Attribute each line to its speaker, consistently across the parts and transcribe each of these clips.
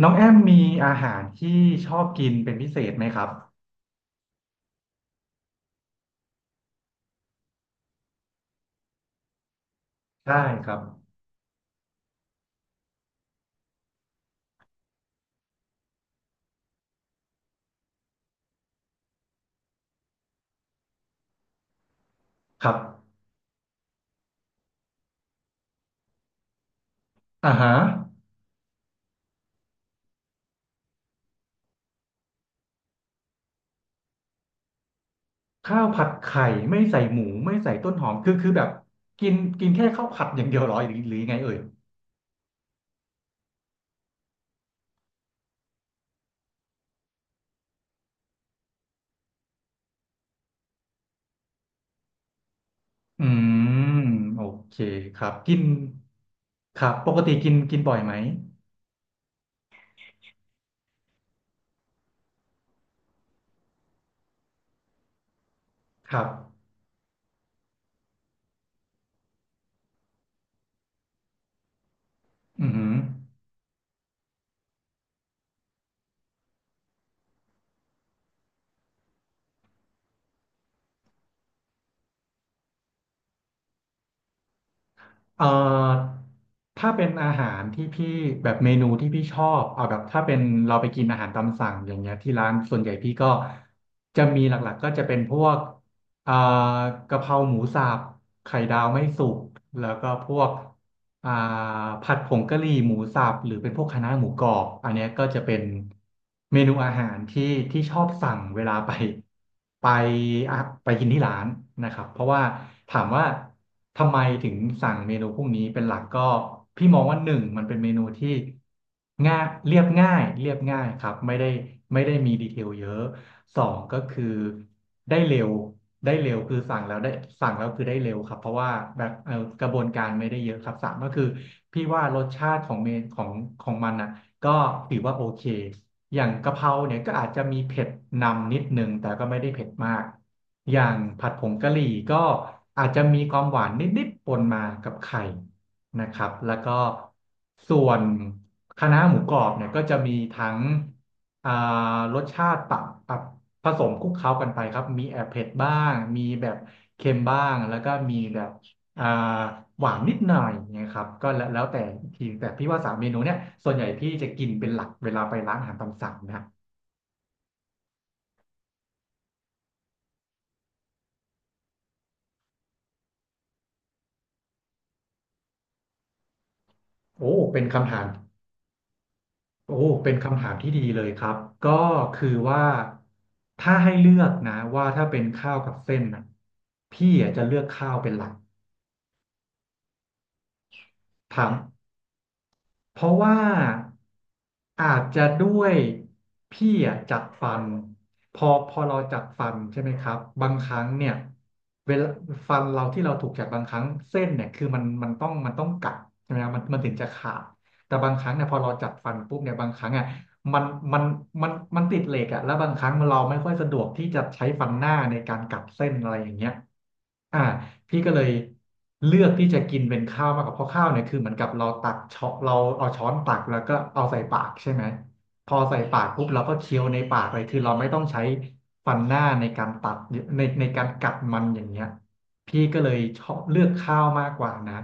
Speaker 1: น้องแอมมีอาหารที่ชอบกินเป็นพิเศษไหมครับใช่ครับครับอ่าฮะข้าวผัดไข่ไม่ใส่หมูไม่ใส่ต้นหอมคือแบบกินกินแค่ข้าวผัดอย่างเดียวเหรอหรือยังไงเอ่ยอืมโอเคครับกินครับปกติกินกินบ่อยไหมครับอือหือ เอ่อถ้าเป็นอาหารที่พี่แบบเมนูที่พี่ชอบเอาแบบถ้าเป็นเราไปกินอาหารตามสั่งอย่างเงี้ยที่ร้านส่วนใหญ่พี่ก็จะมีหลักๆก็จะเป็นพวกเอ่อกะเพราหมูสับไข่ดาวไม่สุกแล้วก็พวก อ่าผัดผงกะหรี่หมูสับหรือเป็นพวกคะน้าหมูกรอบอันเนี้ยก็จะเป็นเมนูอาหารที่ที่ชอบสั่งเวลาไปไปอ่ะไปกินที่ร้านนะครับเพราะว่าถามว่าทำไมถึงสั่งเมนูพวกนี้เป็นหลักก็พี่มองว่าหนึ่งมันเป็นเมนูที่ง่ายเรียบง่ายเรียบง่ายครับไม่ได้มีดีเทลเยอะ สองก็คือได้เร็วได้เร็วคือสั่งแล้วได้สั่งแล้วคือได้เร็วครับเพราะว่าแบบกระบวนการไม่ได้เยอะครับสามก็คือพี่ว่ารสชาติของเมนของมันอ่ะก็ถือว่าโอเคอย่างกะเพราเนี่ยก็อาจจะมีเผ็ดนำนิดนึงแต่ก็ไม่ได้เผ็ดมากอย่างผัดผงกะหรี่ก็อาจจะมีความหวานนิดๆปนมากับไข่นะครับแล้วก็ส่วนคะน้าหมูกรอบเนี่ยก็จะมีทั้ง อ่ารสชาติปรับผสมคลุกเคล้ากันไปครับมีแอบเผ็ดบ้างมีแบบเค็มบ้างแล้วก็มีแบบอ่าหวานนิดหน่อยเนยครับก็แล้วแต่อีกทีแต่พี่ว่าสามเมนูเนี้ยส่วนใหญ่พี่จะกินเป็นหลักเวลาไปร้านอาหารตามสั่งนะโอ้เป็นคำถามโอ้เป็นคำถามที่ดีเลยครับก็คือว่าถ้าให้เลือกนะว่าถ้าเป็นข้าวกับเส้นนะพี่อ่ะจะเลือกข้าวเป็นหลักถาม เพราะว่าอาจจะด้วยพี่อะจัดฟันพอเราจัดฟันใช่ไหมครับบางครั้งเนี่ยเวลาฟันเราที่เราถูกจัดบางครั้งเส้นเนี่ยคือมันต้องมันต้องกัดใช่ไหมครับมันถึงจะขาดแต่บางครั้งเนี่ยพอเราจัดฟันปุ๊บเนี่ยบางครั้งอ่ะ มันมันมันติดเหล็กอะแล้วบางครั้งเราไม่ค่อยสะดวกที่จะใช้ฟันหน้าในการกัดเส้นอะไรอย่างเงี้ยอ่าพี่ก็เลยเลือกที่จะกินเป็นข้าวมากกว่าเพราะข้าวเนี่ยคือเหมือนกับเราตักช้อนเราเอาช้อนตักแล้วก็เอาใส่ปากใช่ไหมพอใส่ปากปุ๊บเราก็เคี้ยวในปากเลยคือเราไม่ต้องใช้ฟันหน้าในการตัดในการกัดมันอย่างเงี้ยพี่ก็เลยชอบเลือกข้าวมากกว่านะ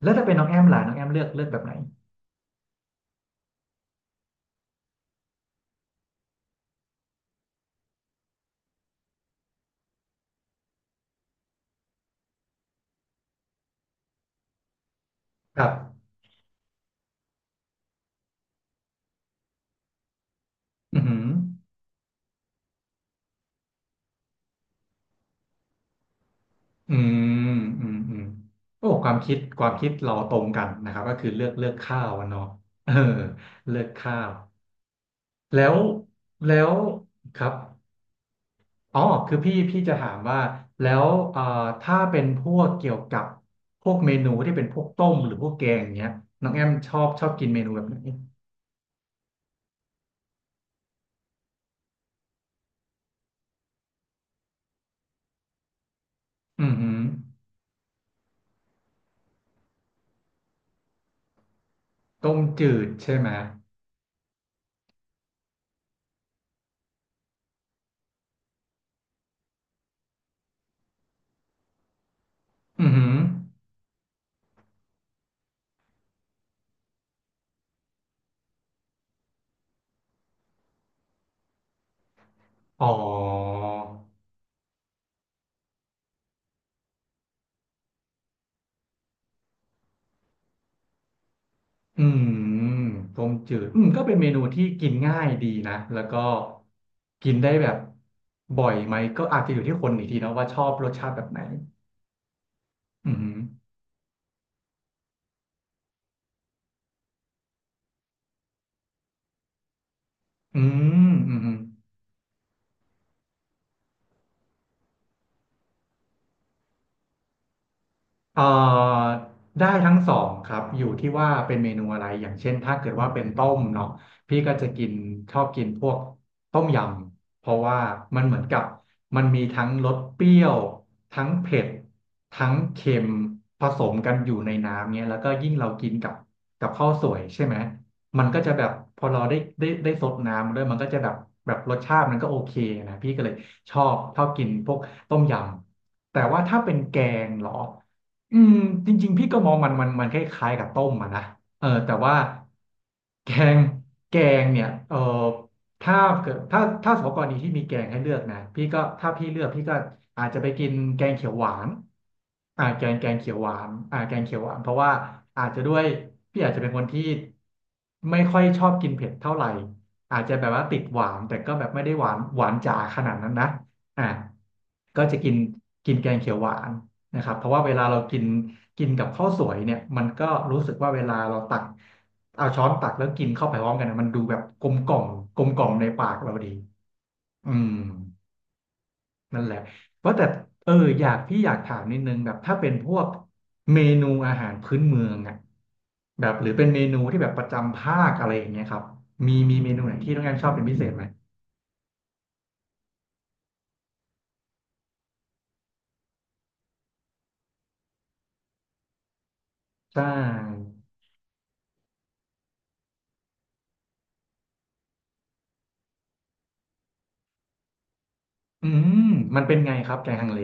Speaker 1: แล้วถ้าเป็นน้องแอมล่ะน้องแอมเลือกแบบไหนครับอือหือ อืมอืมโอ้ความคิดเราตรงกันนะครับก็คือเลือกข้าวอะเนาะเออเลือกข้าวแล้วแล้วครับอ๋อคือพี่จะถามว่าแล้วเอ่อถ้าเป็นพวกเกี่ยวกับพวกเมนูที่เป็นพวกต้มหรือพวกแกงอย่างเงี้ยน้องแอมชอบกินเมนูแบบไหนอือหือต้มจืดใช่ไหมอือหืออ๋อ อืมต้มจืดอืมก็เป็นเมนูที่กินง่ายดีนะ แล้วก็กินได้แบบบ่อยไหม ก็อาจจะอยู่ที่คนอีกทีเนาะว่าชอบรสชาติแบบไหนอืมอือืม เอ่อได้ทั้งสองครับอยู่ที่ว่าเป็นเมนูอะไรอย่างเช่นถ้าเกิดว่าเป็นต้มเนาะพี่ก็จะกินชอบกินพวกต้มยำเพราะว่ามันเหมือนกับมันมีทั้งรสเปรี้ยวทั้งเผ็ดทั้งเค็มผสมกันอยู่ในน้ำเนี้ยแล้วก็ยิ่งเรากินกับข้าวสวยใช่ไหมมันก็จะแบบพอเราได้ซดน้ำด้วยมันก็จะแบบแบบรสชาติมันก็โอเคนะพี่ก็เลยชอบกินพวกต้มยำแต่ว่าถ้าเป็นแกงเหรอ อืมจริงๆพี่ก็มองมันคล้ายๆกับต้มอะนะเออแต่ว่าแกงแกงเนี่ยเออถ้าเกิดถ้าถ้าสมมติกรณีที่มีแกงให้เลือกนะพี่ก็ถ้าพี่เลือกพี่ก็อาจจะไปกินแกงเขียวหวานอ่าแกงเขียวหวานอ่าแกงเขียวหวานเพราะว่าอาจจะด้วยพี่อาจจะเป็นคนที่ไม่ค่อยชอบกินเผ็ดเท่าไหร่อาจจะแบบว่าติดหวานแต่ก็แบบไม่ได้หวานจ๋าขนาดนั้นนะอ่ะก็จะกินกินแกงเขียวหวาน นะครับเพราะว่าเวลาเรากินกินกับข้าวสวยเนี่ยมันก็รู้สึกว่าเวลาเราตักเอาช้อนตักแล้วกินเข้าไปพร้อมกันนะมันดูแบบกลมกล่อมในปากเราดีอืมนั่นแหละเพราะแต่เอออยากพี่อยากถามนิดนึงแบบถ้าเป็นพวกเมนูอาหารพื้นเมืองอ่ะแบบหรือเป็นเมนูที่แบบประจำภาคอะไรอย่างเงี้ยครับมีเมนูไหนที่น้องแอมชอบเป็นพิเศษไหมใช่อืมมันเป็นไงครับแกงฮังเล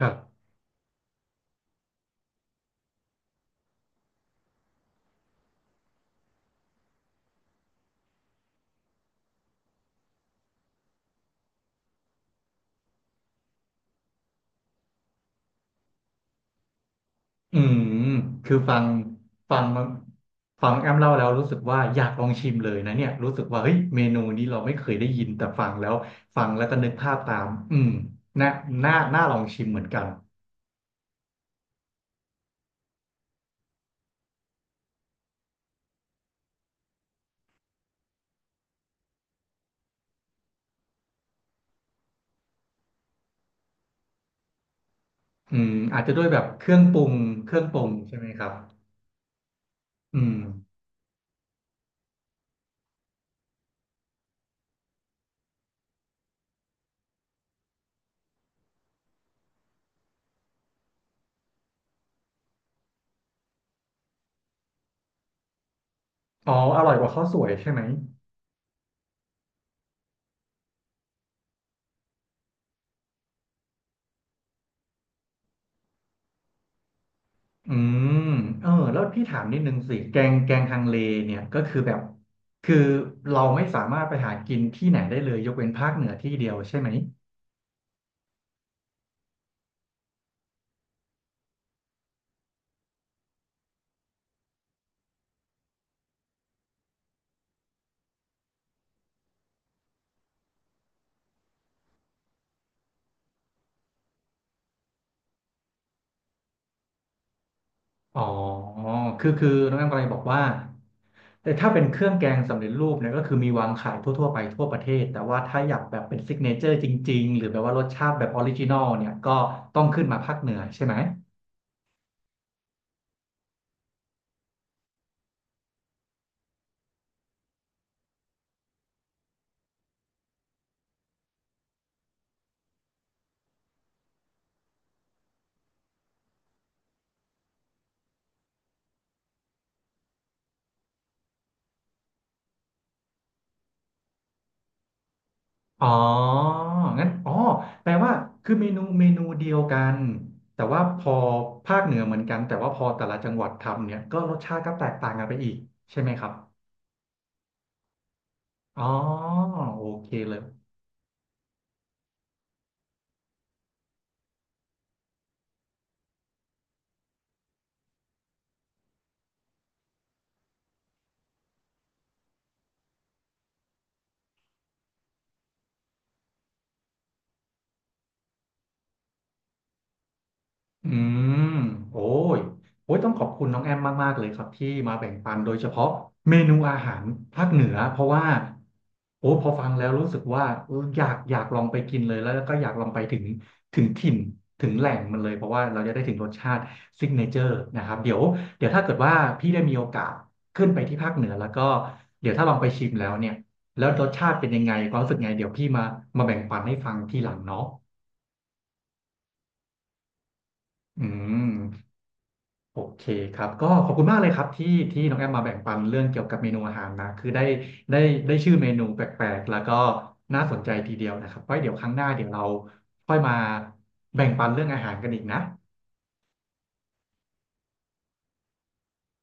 Speaker 1: ครับ อืม คือฟังฟังมาฟังแอมเล่าแล้วรู้สึกว่าอยากลองชิมเลยนะเนี่ยรู้สึกว่าเฮ้ยเมนูนี้เราไม่เคยได้ยินแต่ฟังแล้วก็นึกภาพตามอืมน่าน่าลองชิมเหมือนกันอืมอาจจะด้วยแบบเครื่องปรุงเครื่องปรุงใช่ไหมครับอืมอ๋ออร่อยกว่าข้าวสวยใช่ไหมอืมแล้วพี่ถามนิดนึงสิแกงฮังเลเนี่ยก็คือแบบคือเราไม่สามารถไปหากินที่ไหนได้เลยยกเว้นภาคเหนือที่เดียวใช่ไหม อ๋อ คือน้องแอมกำลังบอกว่าแต่ถ้าเป็นเครื่องแกงสำเร็จรูปเนี่ยก็คือมีวางขายทั่วๆไปทั่วประเทศแต่ว่าถ้าอยากแบบเป็นซิกเนเจอร์จริงๆหรือแบบว่ารสชาติแบบออริจินอลเนี่ยก็ต้องขึ้นมาภาคเหนือใช่ไหมอ๋องั้นอ๋อแปลว่าคือเมนูเดียวกันแต่ว่าพอภาคเหนือเหมือนกันแต่ว่าพอแต่ละจังหวัดทำเนี่ยก็รสชาติก็แตกต่างกันไปอีกใช่ไหมครับอ๋อโอเคเลย อืมโอ้ยต้องขอบคุณน้องแอมมากๆเลยครับที่มาแบ่งปันโดยเฉพาะเมนูอาหารภาคเหนือเพราะว่าโอ้พอฟังแล้วรู้สึกว่าเอออยากลองไปกินเลยแล้วก็อยากลองไปถึงถิ่นถึงแหล่งมันเลยเพราะว่าเราจะได้ถึงรสชาติซิกเนเจอร์นะครับเดี๋ยวถ้าเกิดว่าพี่ได้มีโอกาสขึ้นไปที่ภาคเหนือแล้วก็เดี๋ยวถ้าลองไปชิมแล้วเนี่ยแล้วรสชาติเป็นยังไงความรู้สึกไงเดี๋ยวพี่มาแบ่งปันให้ฟังทีหลังเนาะอืม โอเคครับก็ขอบคุณมากเลยครับที่น้องแอมมาแบ่งปันเรื่องเกี่ยวกับเมนูอาหารนะคือได้ได้ชื่อเมนูแปลกๆแล้วก็น่าสนใจทีเดียวนะครับไว้เดี๋ยวครั้งหน้าเดี๋ยวเราค่อยมาแบ่งปันเรื่องอาหารกันอีกนะ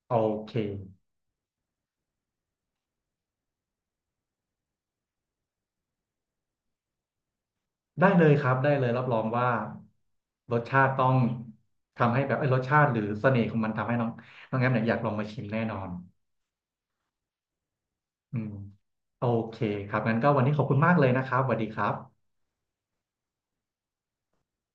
Speaker 1: โอเคได้เลยครับได้เลยรับรองว่ารสชาติต้องทำให้แบบไอ้ยรสชาติหรือเสน่ห์ของมันทำให้น้องน้องแอมเนี่ยอยากลองมาชิมแน่นอนอืมโอเคครับงั้นก็วันนี้ขอบคุณมากเลยนะครับสวัสดีครับ